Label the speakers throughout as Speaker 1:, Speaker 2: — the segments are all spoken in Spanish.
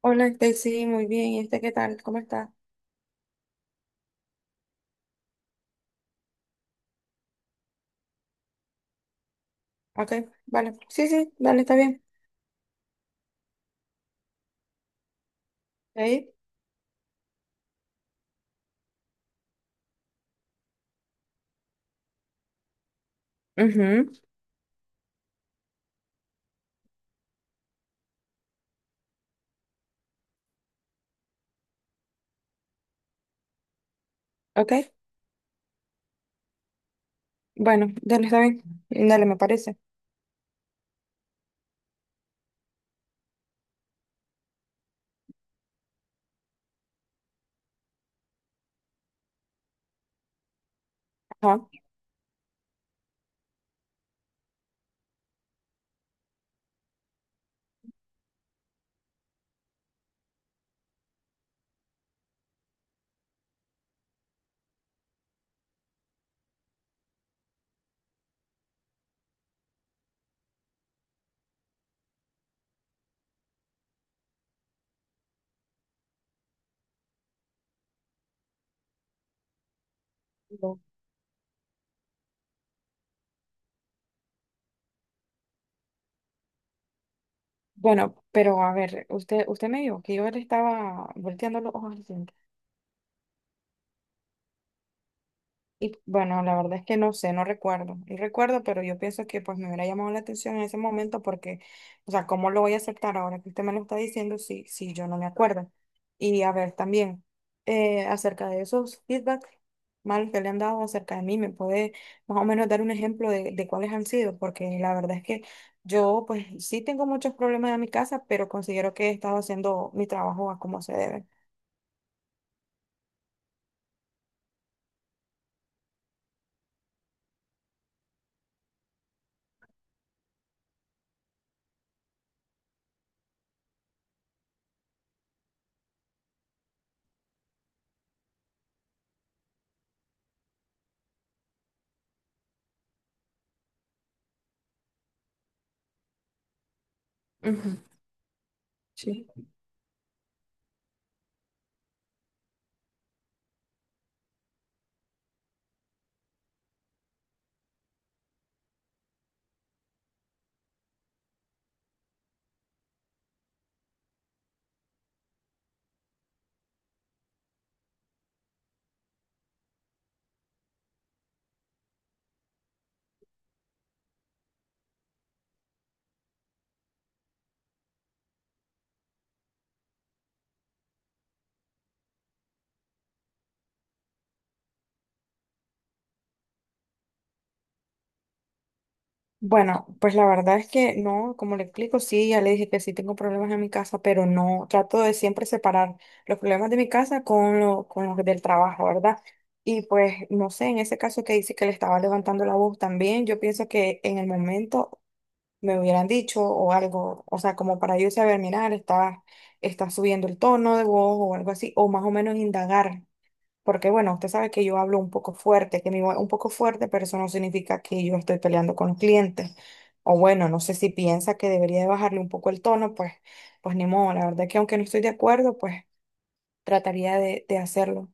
Speaker 1: Hola, sí, muy bien. ¿Y qué tal? ¿Cómo está? Ok, vale. Sí, sí, dale, está bien. Ahí. Ujú. Ok, bueno, dale, está bien. Dale, me parece. Ajá. Bueno, pero a ver, usted me dijo que yo le estaba volteando los ojos. Y bueno, la verdad es que no sé, no recuerdo. Y recuerdo, pero yo pienso que pues me hubiera llamado la atención en ese momento porque, o sea, ¿cómo lo voy a aceptar ahora que usted me lo está diciendo si yo no me acuerdo? Y a ver, también, acerca de esos feedback malos que le han dado acerca de mí, ¿me puede más o menos dar un ejemplo de cuáles han sido? Porque la verdad es que yo pues sí tengo muchos problemas en mi casa, pero considero que he estado haciendo mi trabajo a como se debe. Ujú. Sí. Bueno, pues la verdad es que no, como le explico, sí, ya le dije que sí tengo problemas en mi casa, pero no, trato de siempre separar los problemas de mi casa con, lo, con los del trabajo, ¿verdad? Y pues, no sé, en ese caso que dice que le estaba levantando la voz también, yo pienso que en el momento me hubieran dicho o algo, o sea, como para yo saber, mirar, está subiendo el tono de voz o algo así, o más o menos indagar porque bueno, usted sabe que yo hablo un poco fuerte, que mi voz es un poco fuerte, pero eso no significa que yo estoy peleando con los clientes. O bueno, no sé si piensa que debería de bajarle un poco el tono, pues ni modo. La verdad que aunque no estoy de acuerdo, pues trataría de hacerlo.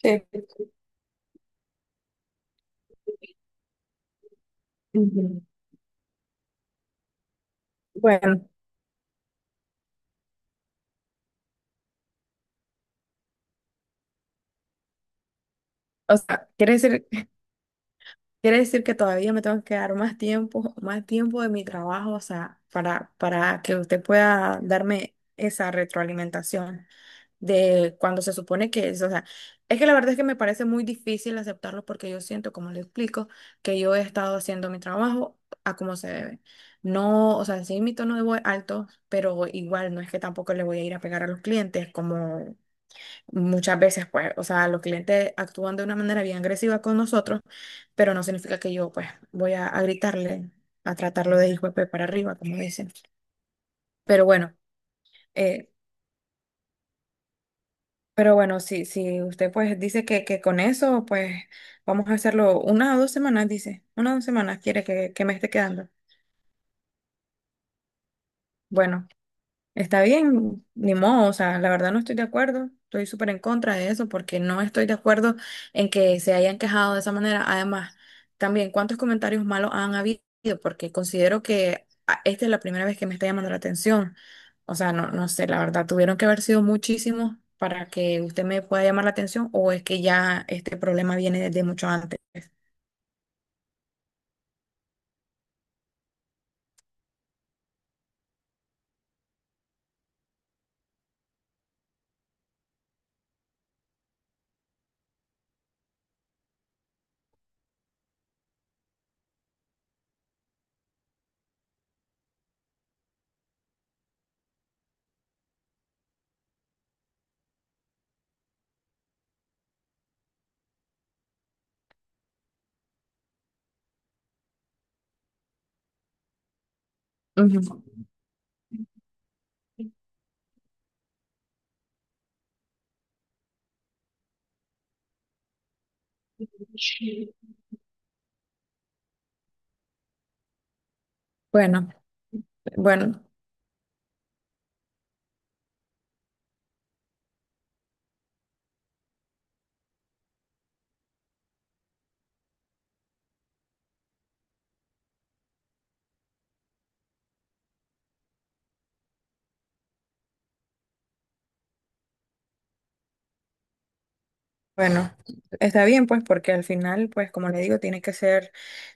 Speaker 1: Sí. Ujú. Bueno, o sea, quiere decir que todavía me tengo que dar más tiempo de mi trabajo, o sea, para que usted pueda darme esa retroalimentación de cuando se supone que es, o sea, es que la verdad es que me parece muy difícil aceptarlo porque yo siento, como le explico, que yo he estado haciendo mi trabajo a como se debe. No, o sea, sí, mi tono de voz alto, pero igual no es que tampoco le voy a ir a pegar a los clientes, como muchas veces, pues, o sea, los clientes actúan de una manera bien agresiva con nosotros, pero no significa que yo, pues, voy a gritarle, a tratarlo de hijo de pe para arriba, como dicen. Pero bueno. eh, Pero bueno, si usted pues dice que con eso, pues vamos a hacerlo una o dos semanas, dice. Una o dos semanas quiere que me esté quedando. Bueno. Está bien, ni modo, o sea, la verdad no estoy de acuerdo, estoy súper en contra de eso porque no estoy de acuerdo en que se hayan quejado de esa manera. Además, también, ¿cuántos comentarios malos han habido? Porque considero que esta es la primera vez que me está llamando la atención. O sea, no, no sé, la verdad, tuvieron que haber sido muchísimos para que usted me pueda llamar la atención o es que ya este problema viene desde mucho antes. Ujú. Bueno, bueno. Bueno, está bien, pues, porque al final, pues, como le digo, tiene que ser,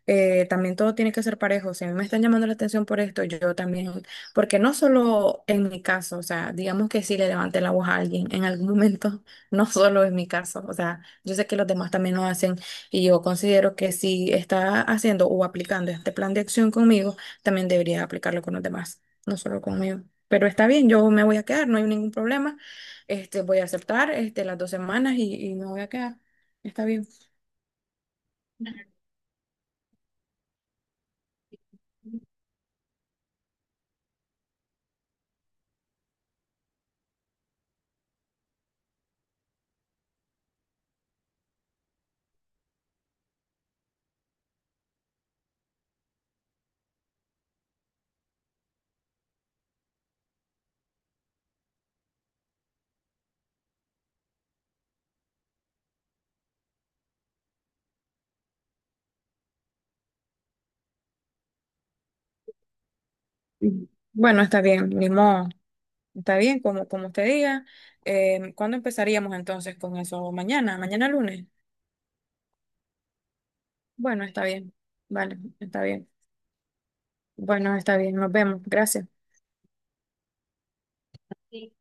Speaker 1: también todo tiene que ser parejo. Si a mí me están llamando la atención por esto, yo también, porque no solo en mi caso, o sea, digamos que si le levanté la voz a alguien en algún momento, no solo es mi caso, o sea, yo sé que los demás también lo hacen y yo considero que si está haciendo o aplicando este plan de acción conmigo, también debería aplicarlo con los demás, no solo conmigo. Pero está bien, yo me voy a quedar, no hay ningún problema. Este, voy a aceptar este, las dos semanas y me voy a quedar. Está bien. Mm. Bueno, está bien, ni modo. Está bien, como, como usted diga. ¿Cuándo empezaríamos entonces con eso? Mañana, mañana lunes. Bueno, está bien. Vale, está bien. Bueno, está bien, nos vemos. Gracias. Sí.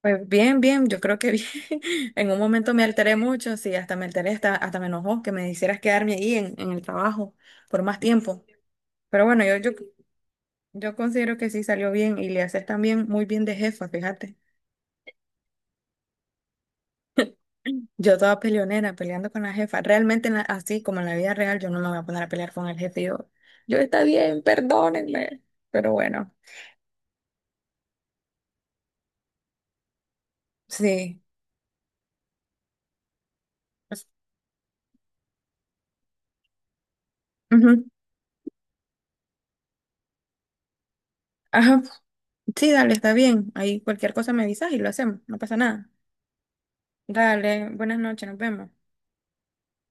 Speaker 1: Pues bien, bien, yo creo que bien. En un momento me alteré mucho, sí, hasta me alteré, hasta, hasta me enojó que me hicieras quedarme ahí en el trabajo por más tiempo. Pero bueno, Yo considero que sí salió bien y le haces también muy bien de jefa, fíjate. Yo toda peleonera, peleando con la jefa. Realmente en la- así como en la vida real, yo no me voy a poner a pelear con el jefe. Yo está bien, perdónenme. Pero bueno, sí. Ujú. Ajá. Sí, dale, está bien. Ahí cualquier cosa me avisas y lo hacemos. No pasa nada. Dale, buenas noches, nos vemos.